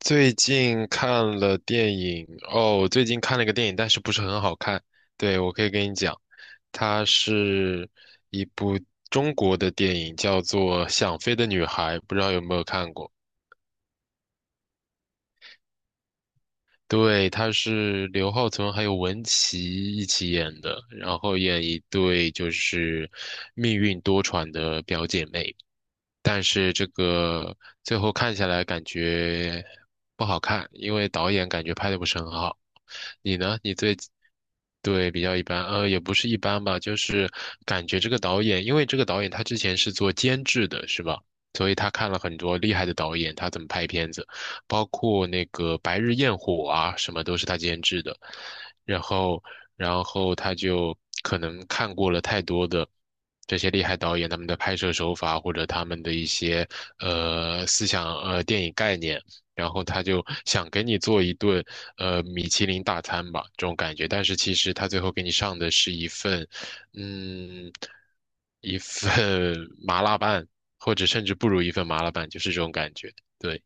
最近看了电影哦，我最近看了一个电影，但是不是很好看。对，我可以跟你讲，它是一部中国的电影，叫做《想飞的女孩》，不知道有没有看过？对，他是刘浩存还有文淇一起演的，然后演一对就是命运多舛的表姐妹，但是这个最后看下来感觉不好看，因为导演感觉拍的不是很好。你呢？你最对，比较一般，也不是一般吧，就是感觉这个导演，因为这个导演他之前是做监制的，是吧？所以他看了很多厉害的导演，他怎么拍片子，包括那个《白日焰火》啊，什么都是他监制的。然后，然后他就可能看过了太多的这些厉害导演他们的拍摄手法，或者他们的一些思想电影概念。然后他就想给你做一顿米其林大餐吧，这种感觉。但是其实他最后给你上的是一份，嗯，一份 麻辣拌，或者甚至不如一份麻辣拌，就是这种感觉。对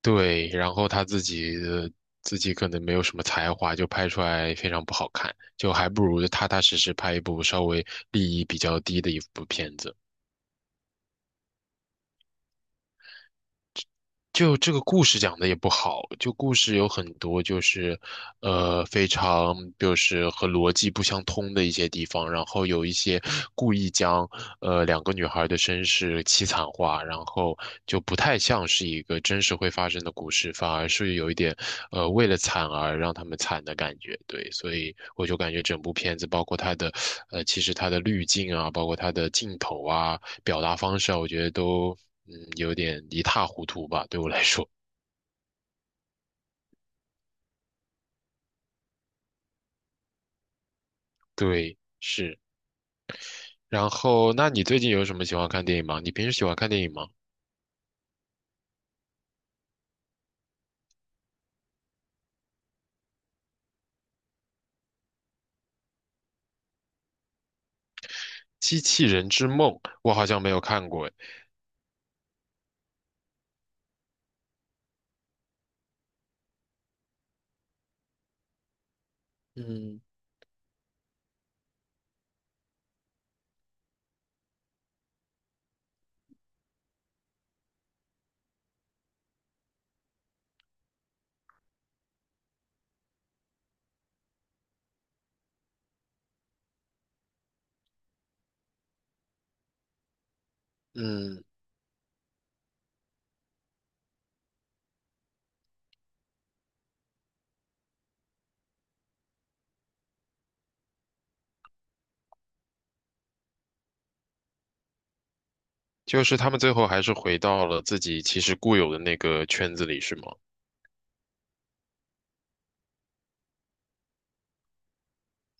对，然后他自己可能没有什么才华，就拍出来非常不好看，就还不如踏踏实实拍一部稍微利益比较低的一部片子。就这个故事讲的也不好，就故事有很多就是，呃，非常就是和逻辑不相通的一些地方，然后有一些故意将两个女孩的身世凄惨化，然后就不太像是一个真实会发生的故事，反而是有一点为了惨而让他们惨的感觉，对，所以我就感觉整部片子包括它的其实它的滤镜啊，包括它的镜头啊。表达方式啊，我觉得都嗯有点一塌糊涂吧，对我来说。对，是。然后，那你最近有什么喜欢看电影吗？你平时喜欢看电影吗？《机器人之梦》我好像没有看过诶。嗯嗯，就是他们最后还是回到了自己其实固有的那个圈子里，是吗？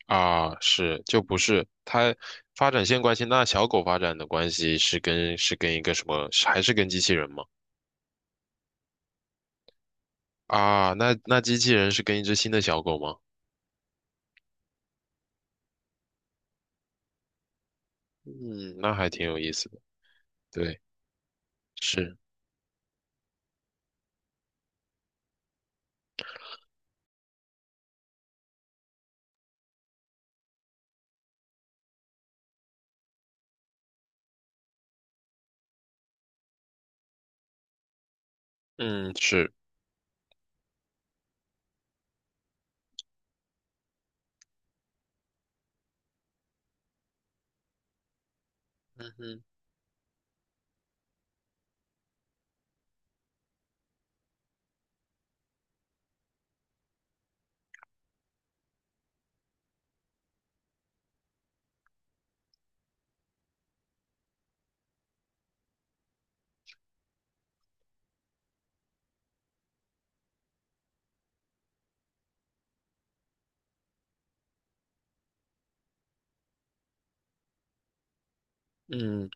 啊，是，就不是它发展线关系。那小狗发展的关系是跟一个什么？是还是跟机器人吗？啊，那机器人是跟一只新的小狗吗？嗯，那还挺有意思的，对，是，嗯，是，嗯哼。嗯，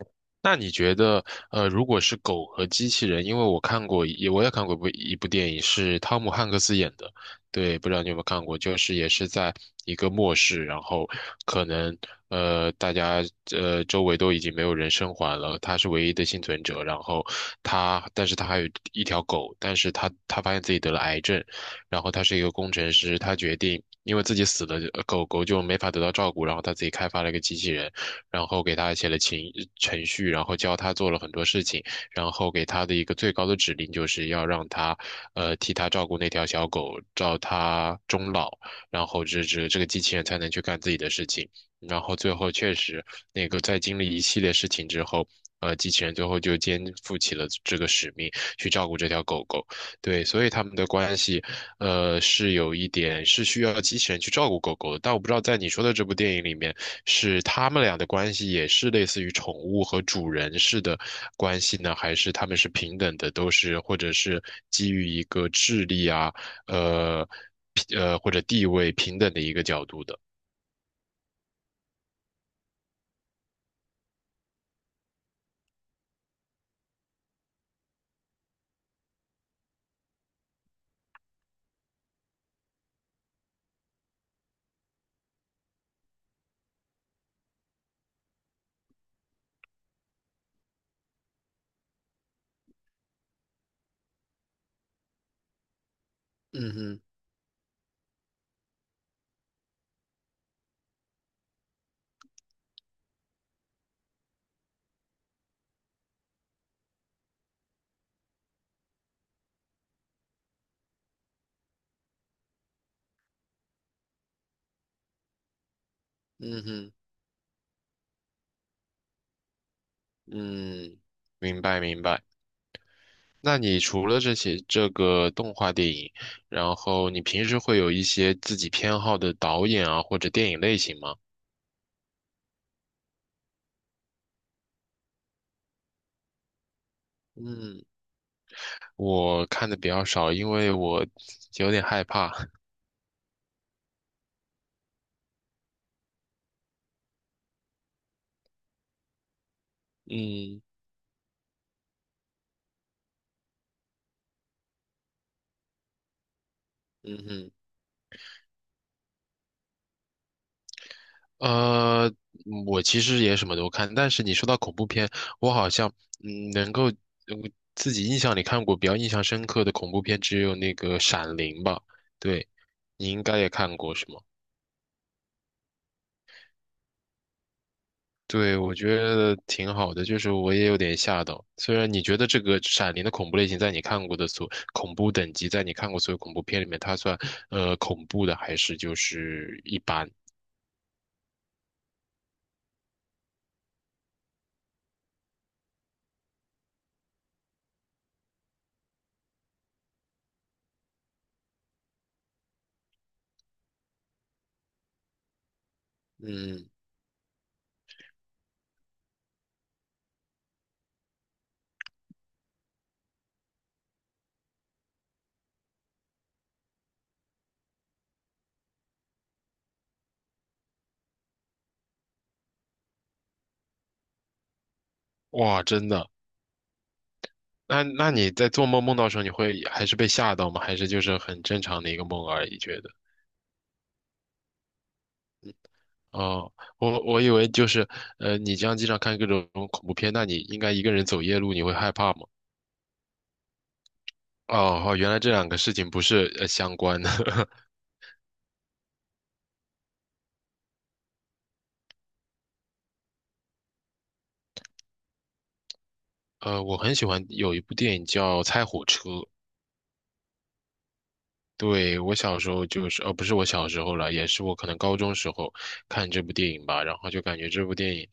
那你觉得，如果是狗和机器人，因为我看过我也看过一部电影，是汤姆汉克斯演的，对，不知道你有没有看过，就是也是在一个末世，然后可能，呃，大家周围都已经没有人生还了，他是唯一的幸存者，然后他，但是他还有一条狗，但是他发现自己得了癌症，然后他是一个工程师，他决定。因为自己死了，狗狗就没法得到照顾，然后他自己开发了一个机器人，然后给他写了情程序，然后教他做了很多事情，然后给他的一个最高的指令就是要让他，呃，替他照顾那条小狗，照他终老，然后这个机器人才能去干自己的事情。然后最后确实，那个在经历一系列事情之后，机器人最后就肩负起了这个使命，去照顾这条狗狗。对，所以他们的关系，是有一点是需要机器人去照顾狗狗的，但我不知道在你说的这部电影里面，是他们俩的关系也是类似于宠物和主人式的关系呢，还是他们是平等的，都是或者是基于一个智力啊，呃，或者地位平等的一个角度的。嗯哼，嗯哼，嗯，明白。那你除了这些这个动画电影，然后你平时会有一些自己偏好的导演啊，或者电影类型吗？嗯，我看的比较少，因为我有点害怕。嗯嗯哼，呃，我其实也什么都看，但是你说到恐怖片，我好像嗯能够嗯自己印象里看过比较印象深刻的恐怖片只有那个《闪灵》吧？对，你应该也看过是吗？对，我觉得挺好的，就是我也有点吓到。虽然你觉得这个《闪灵》的恐怖类型，在你看过的所恐怖等级，在你看过所有恐怖片里面，它算恐怖的，还是就是一般？嗯，哇，真的。那你在做梦梦到的时候，你会还是被吓到吗？还是就是很正常的一个梦而已？觉得？哦，我以为就是，你这样经常看各种恐怖片，那你应该一个人走夜路，你会害怕吗？哦，哦，原来这两个事情不是相关的。呃，我很喜欢有一部电影叫《猜火车》。对，我小时候就是，呃，不是我小时候了，也是我可能高中时候看这部电影吧，然后就感觉这部电影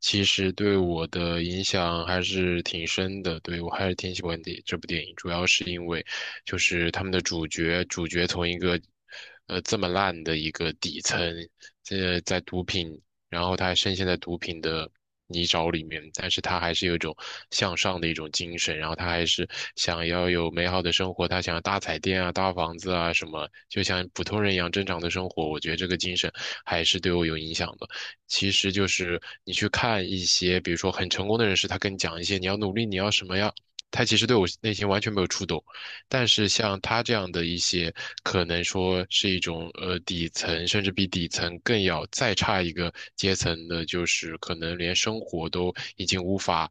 其实对我的影响还是挺深的。对，我还是挺喜欢的这部电影，主要是因为就是他们的主角，主角从一个这么烂的一个底层，这在毒品然后他还深陷在毒品的泥沼里面，但是他还是有一种向上的一种精神，然后他还是想要有美好的生活，他想要大彩电啊、大房子啊什么，就像普通人一样正常的生活。我觉得这个精神还是对我有影响的。其实就是你去看一些，比如说很成功的人士，他跟你讲一些你要努力，你要什么呀，他其实对我内心完全没有触动。但是像他这样的一些，可能说是一种底层，甚至比底层更要再差一个阶层的，就是可能连生活都已经无法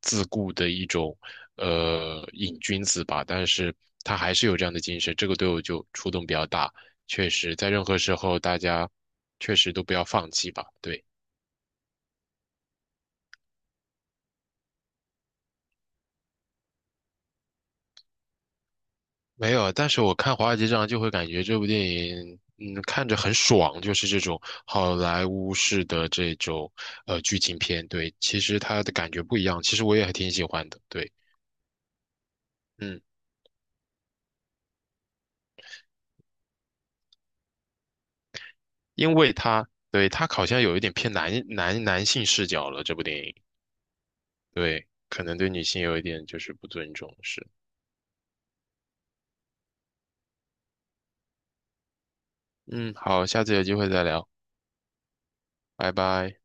自顾的一种瘾君子吧。但是他还是有这样的精神，这个对我就触动比较大。确实，在任何时候，大家确实都不要放弃吧。对。没有，但是我看《华尔街这样就会感觉这部电影，嗯，看着很爽，就是这种好莱坞式的这种剧情片。对，其实它的感觉不一样，其实我也还挺喜欢的。对，嗯，因为它对它好像有一点偏男性视角了，这部电影，对，可能对女性有一点就是不尊重，是。嗯，好，下次有机会再聊，拜拜。